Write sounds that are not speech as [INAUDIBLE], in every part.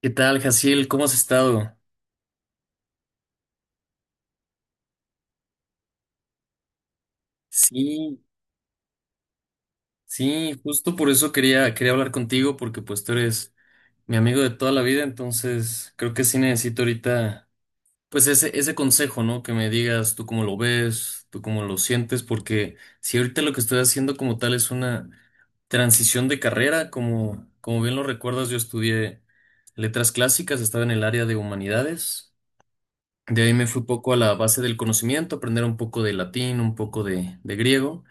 ¿Qué tal, Jaciel? ¿Cómo has estado? Sí, sí, justo por eso quería hablar contigo, porque pues tú eres mi amigo de toda la vida, entonces creo que sí necesito ahorita, pues ese consejo, ¿no? Que me digas tú cómo lo ves, tú cómo lo sientes, porque si ahorita lo que estoy haciendo como tal es una transición de carrera, como bien lo recuerdas, yo estudié letras clásicas, estaba en el área de humanidades. De ahí me fui poco a la base del conocimiento, aprender un poco de latín, un poco de griego.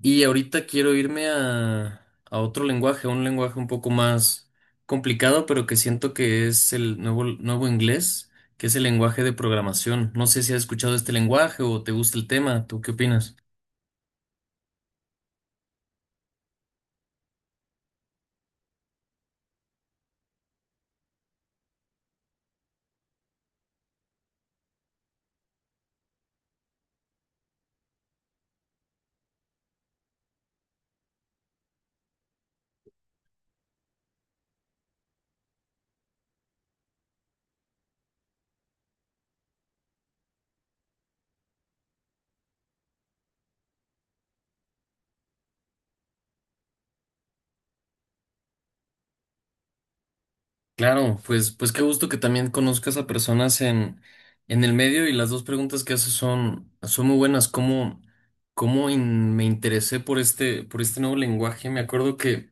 Y ahorita quiero irme a otro lenguaje, a un lenguaje un poco más complicado, pero que siento que es el nuevo inglés, que es el lenguaje de programación. No sé si has escuchado este lenguaje o te gusta el tema. ¿Tú qué opinas? Claro, pues, pues qué gusto que también conozcas a personas en el medio y las dos preguntas que haces son muy buenas. ¿Cómo me interesé por este nuevo lenguaje? Me acuerdo que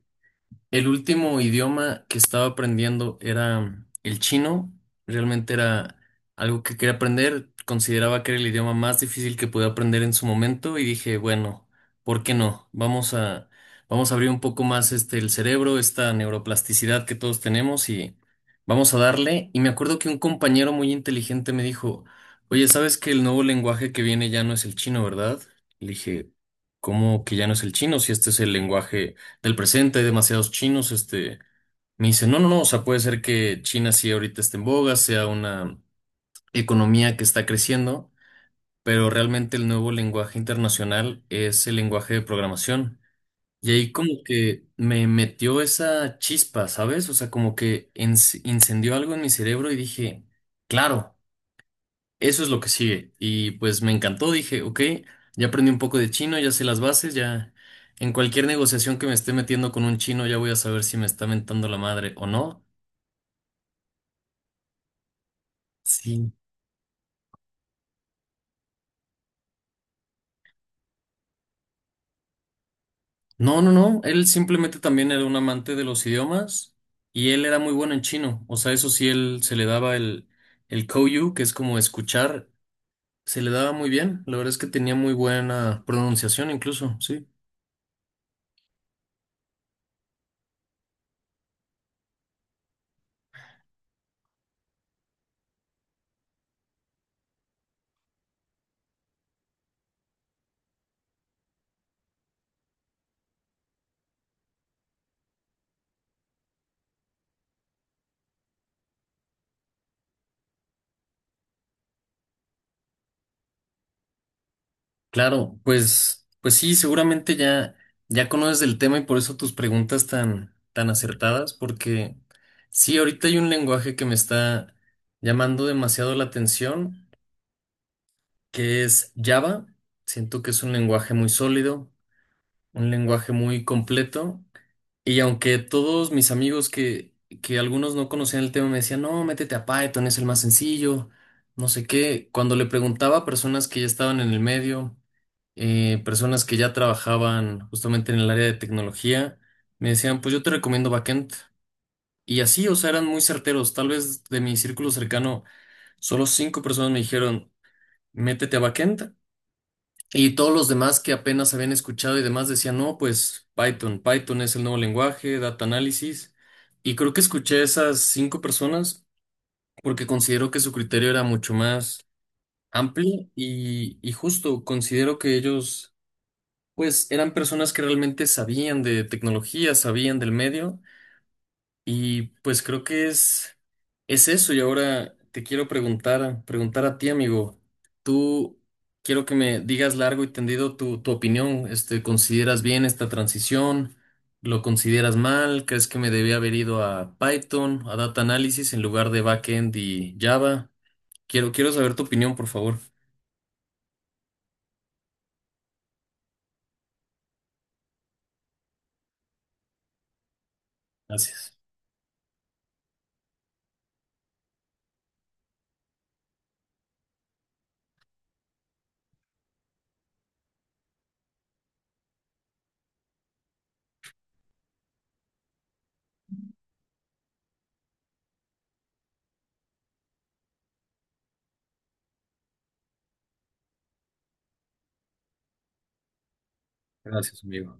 el último idioma que estaba aprendiendo era el chino. Realmente era algo que quería aprender. Consideraba que era el idioma más difícil que podía aprender en su momento y dije, bueno, ¿por qué no? Vamos a abrir un poco más el cerebro, esta neuroplasticidad que todos tenemos y vamos a darle. Y me acuerdo que un compañero muy inteligente me dijo, oye, ¿sabes que el nuevo lenguaje que viene ya no es el chino, verdad? Le dije, ¿cómo que ya no es el chino si este es el lenguaje del presente? Hay demasiados chinos, me dice, no, no, no, o sea, puede ser que China sí ahorita esté en boga, sea una economía que está creciendo, pero realmente el nuevo lenguaje internacional es el lenguaje de programación. Y ahí como que me metió esa chispa, ¿sabes? O sea, como que incendió algo en mi cerebro y dije, claro. Eso es lo que sigue. Y pues me encantó, dije, ok, ya aprendí un poco de chino, ya sé las bases, ya en cualquier negociación que me esté metiendo con un chino ya voy a saber si me está mentando la madre o no. Sí. No, no, no, él simplemente también era un amante de los idiomas y él era muy bueno en chino. O sea, eso sí, él se le daba el Kouyu, que es como escuchar, se le daba muy bien. La verdad es que tenía muy buena pronunciación incluso, sí. Claro, pues, pues sí, seguramente ya conoces el tema y por eso tus preguntas tan acertadas, porque sí, ahorita hay un lenguaje que me está llamando demasiado la atención, que es Java. Siento que es un lenguaje muy sólido, un lenguaje muy completo y aunque todos mis amigos que algunos no conocían el tema me decían, no, métete a Python, es el más sencillo, no sé qué, cuando le preguntaba a personas que ya estaban en el medio, personas que ya trabajaban justamente en el área de tecnología, me decían, pues yo te recomiendo backend. Y así, o sea, eran muy certeros. Tal vez de mi círculo cercano, solo cinco personas me dijeron, métete a backend. Y todos los demás que apenas habían escuchado y demás decían, no, pues Python, Python es el nuevo lenguaje, data análisis. Y creo que escuché a esas cinco personas porque considero que su criterio era mucho más amplio y justo considero que ellos, pues, eran personas que realmente sabían de tecnología, sabían del medio y pues creo que es eso. Y ahora te quiero preguntar a ti, amigo. Tú quiero que me digas largo y tendido tu opinión. ¿Consideras bien esta transición? ¿Lo consideras mal? ¿Crees que me debía haber ido a Python, a Data Analysis en lugar de Backend y Java? Quiero saber tu opinión, por favor. Gracias. Gracias, amigo.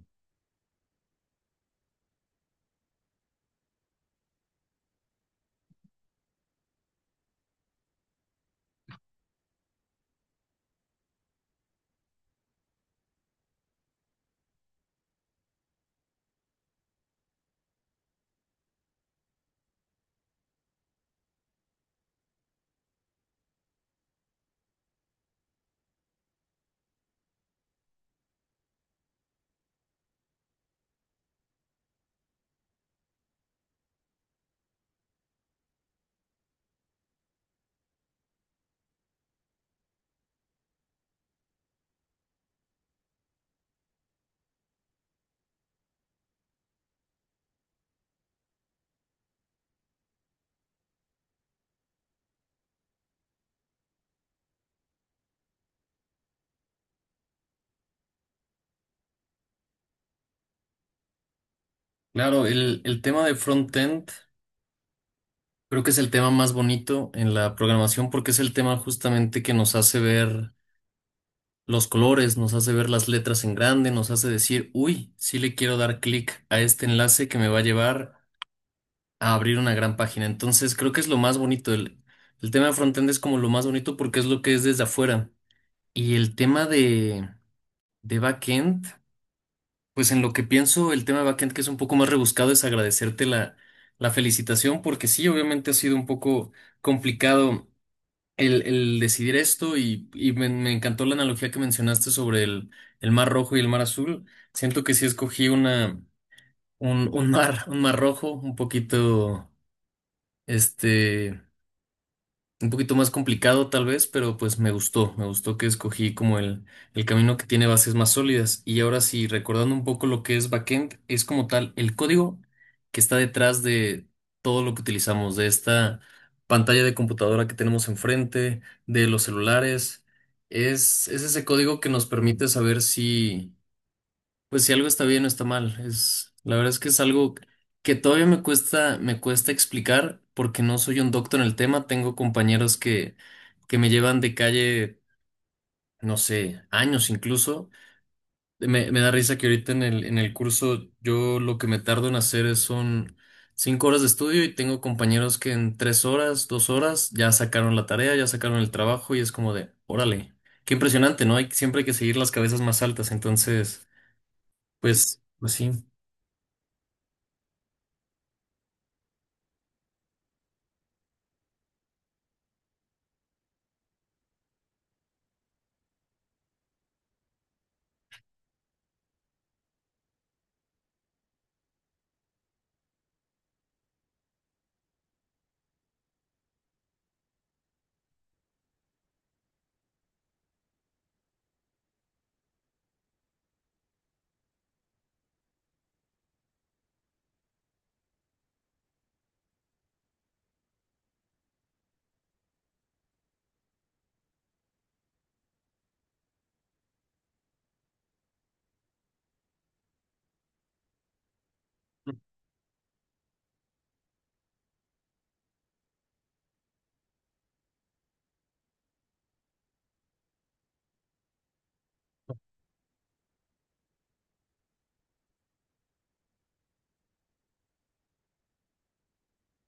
Claro, el tema de frontend. Creo que es el tema más bonito en la programación porque es el tema justamente que nos hace ver los colores, nos hace ver las letras en grande, nos hace decir, uy, sí le quiero dar clic a este enlace que me va a llevar a abrir una gran página. Entonces creo que es lo más bonito. El tema de frontend es como lo más bonito porque es lo que es desde afuera. Y el tema de backend, pues en lo que pienso, el tema de backend que es un poco más rebuscado es agradecerte la felicitación porque sí, obviamente ha sido un poco complicado el decidir esto y me encantó la analogía que mencionaste sobre el mar rojo y el mar azul. Siento que sí escogí un mar rojo, este, un poquito más complicado tal vez, pero pues me gustó que escogí como el camino que tiene bases más sólidas. Y ahora sí, recordando un poco lo que es backend, es como tal el código que está detrás de todo lo que utilizamos, de esta pantalla de computadora que tenemos enfrente, de los celulares. Es ese código que nos permite saber si pues si algo está bien o está mal, es la verdad es que es algo que todavía me cuesta explicar porque no soy un doctor en el tema, tengo compañeros que me llevan de calle, no sé, años incluso. Me da risa que ahorita en el curso yo lo que me tardo en hacer es son 5 horas de estudio y tengo compañeros que en 3 horas, 2 horas ya sacaron la tarea, ya sacaron el trabajo y es como de, órale, qué impresionante, ¿no? Hay siempre hay que seguir las cabezas más altas, entonces, pues sí.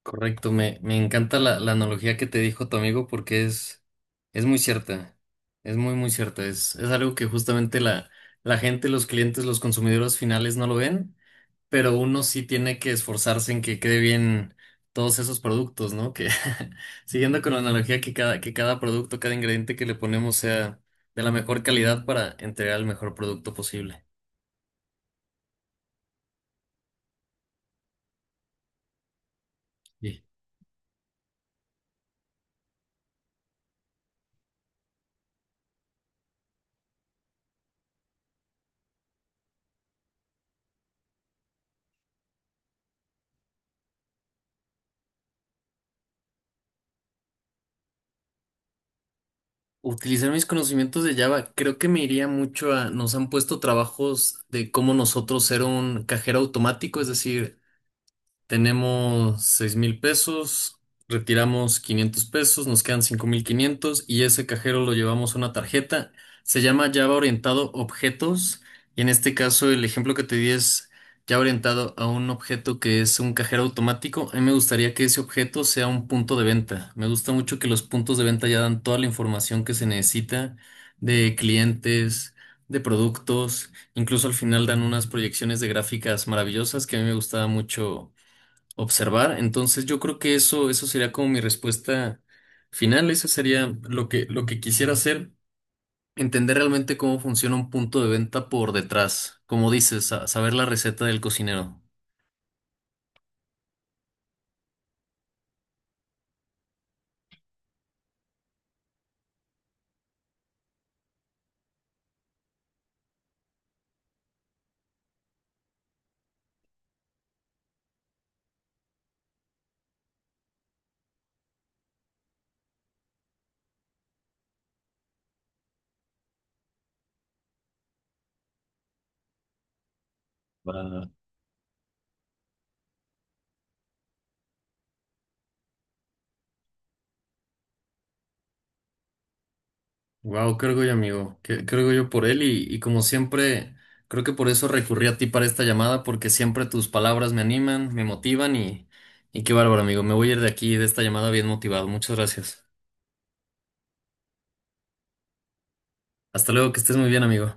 Correcto, me encanta la analogía que te dijo tu amigo porque es muy cierta, es muy, muy cierta, es algo que justamente la gente, los clientes, los consumidores finales no lo ven, pero uno sí tiene que esforzarse en que quede bien todos esos productos, ¿no? Que [LAUGHS] siguiendo con la analogía que cada producto, cada ingrediente que le ponemos sea de la mejor calidad para entregar el mejor producto posible. Utilizar mis conocimientos de Java, creo que me iría mucho nos han puesto trabajos de cómo nosotros ser un cajero automático, es decir, tenemos 6,000 pesos, retiramos 500 pesos, nos quedan 5,500 y ese cajero lo llevamos a una tarjeta. Se llama Java orientado objetos y en este caso el ejemplo que te di es Java orientado a un objeto que es un cajero automático. A mí me gustaría que ese objeto sea un punto de venta. Me gusta mucho que los puntos de venta ya dan toda la información que se necesita de clientes, de productos, incluso al final dan unas proyecciones de gráficas maravillosas que a mí me gustaba mucho observar. Entonces yo creo que eso sería como mi respuesta final. Eso sería lo que quisiera hacer, entender realmente cómo funciona un punto de venta por detrás. Como dices, saber la receta del cocinero. Wow, qué orgullo, amigo. Qué orgullo por él y como siempre, creo que por eso recurrí a ti para esta llamada, porque siempre tus palabras me animan, me motivan y qué bárbaro, amigo. Me voy a ir de aquí, de esta llamada bien motivado. Muchas gracias. Hasta luego, que estés muy bien, amigo.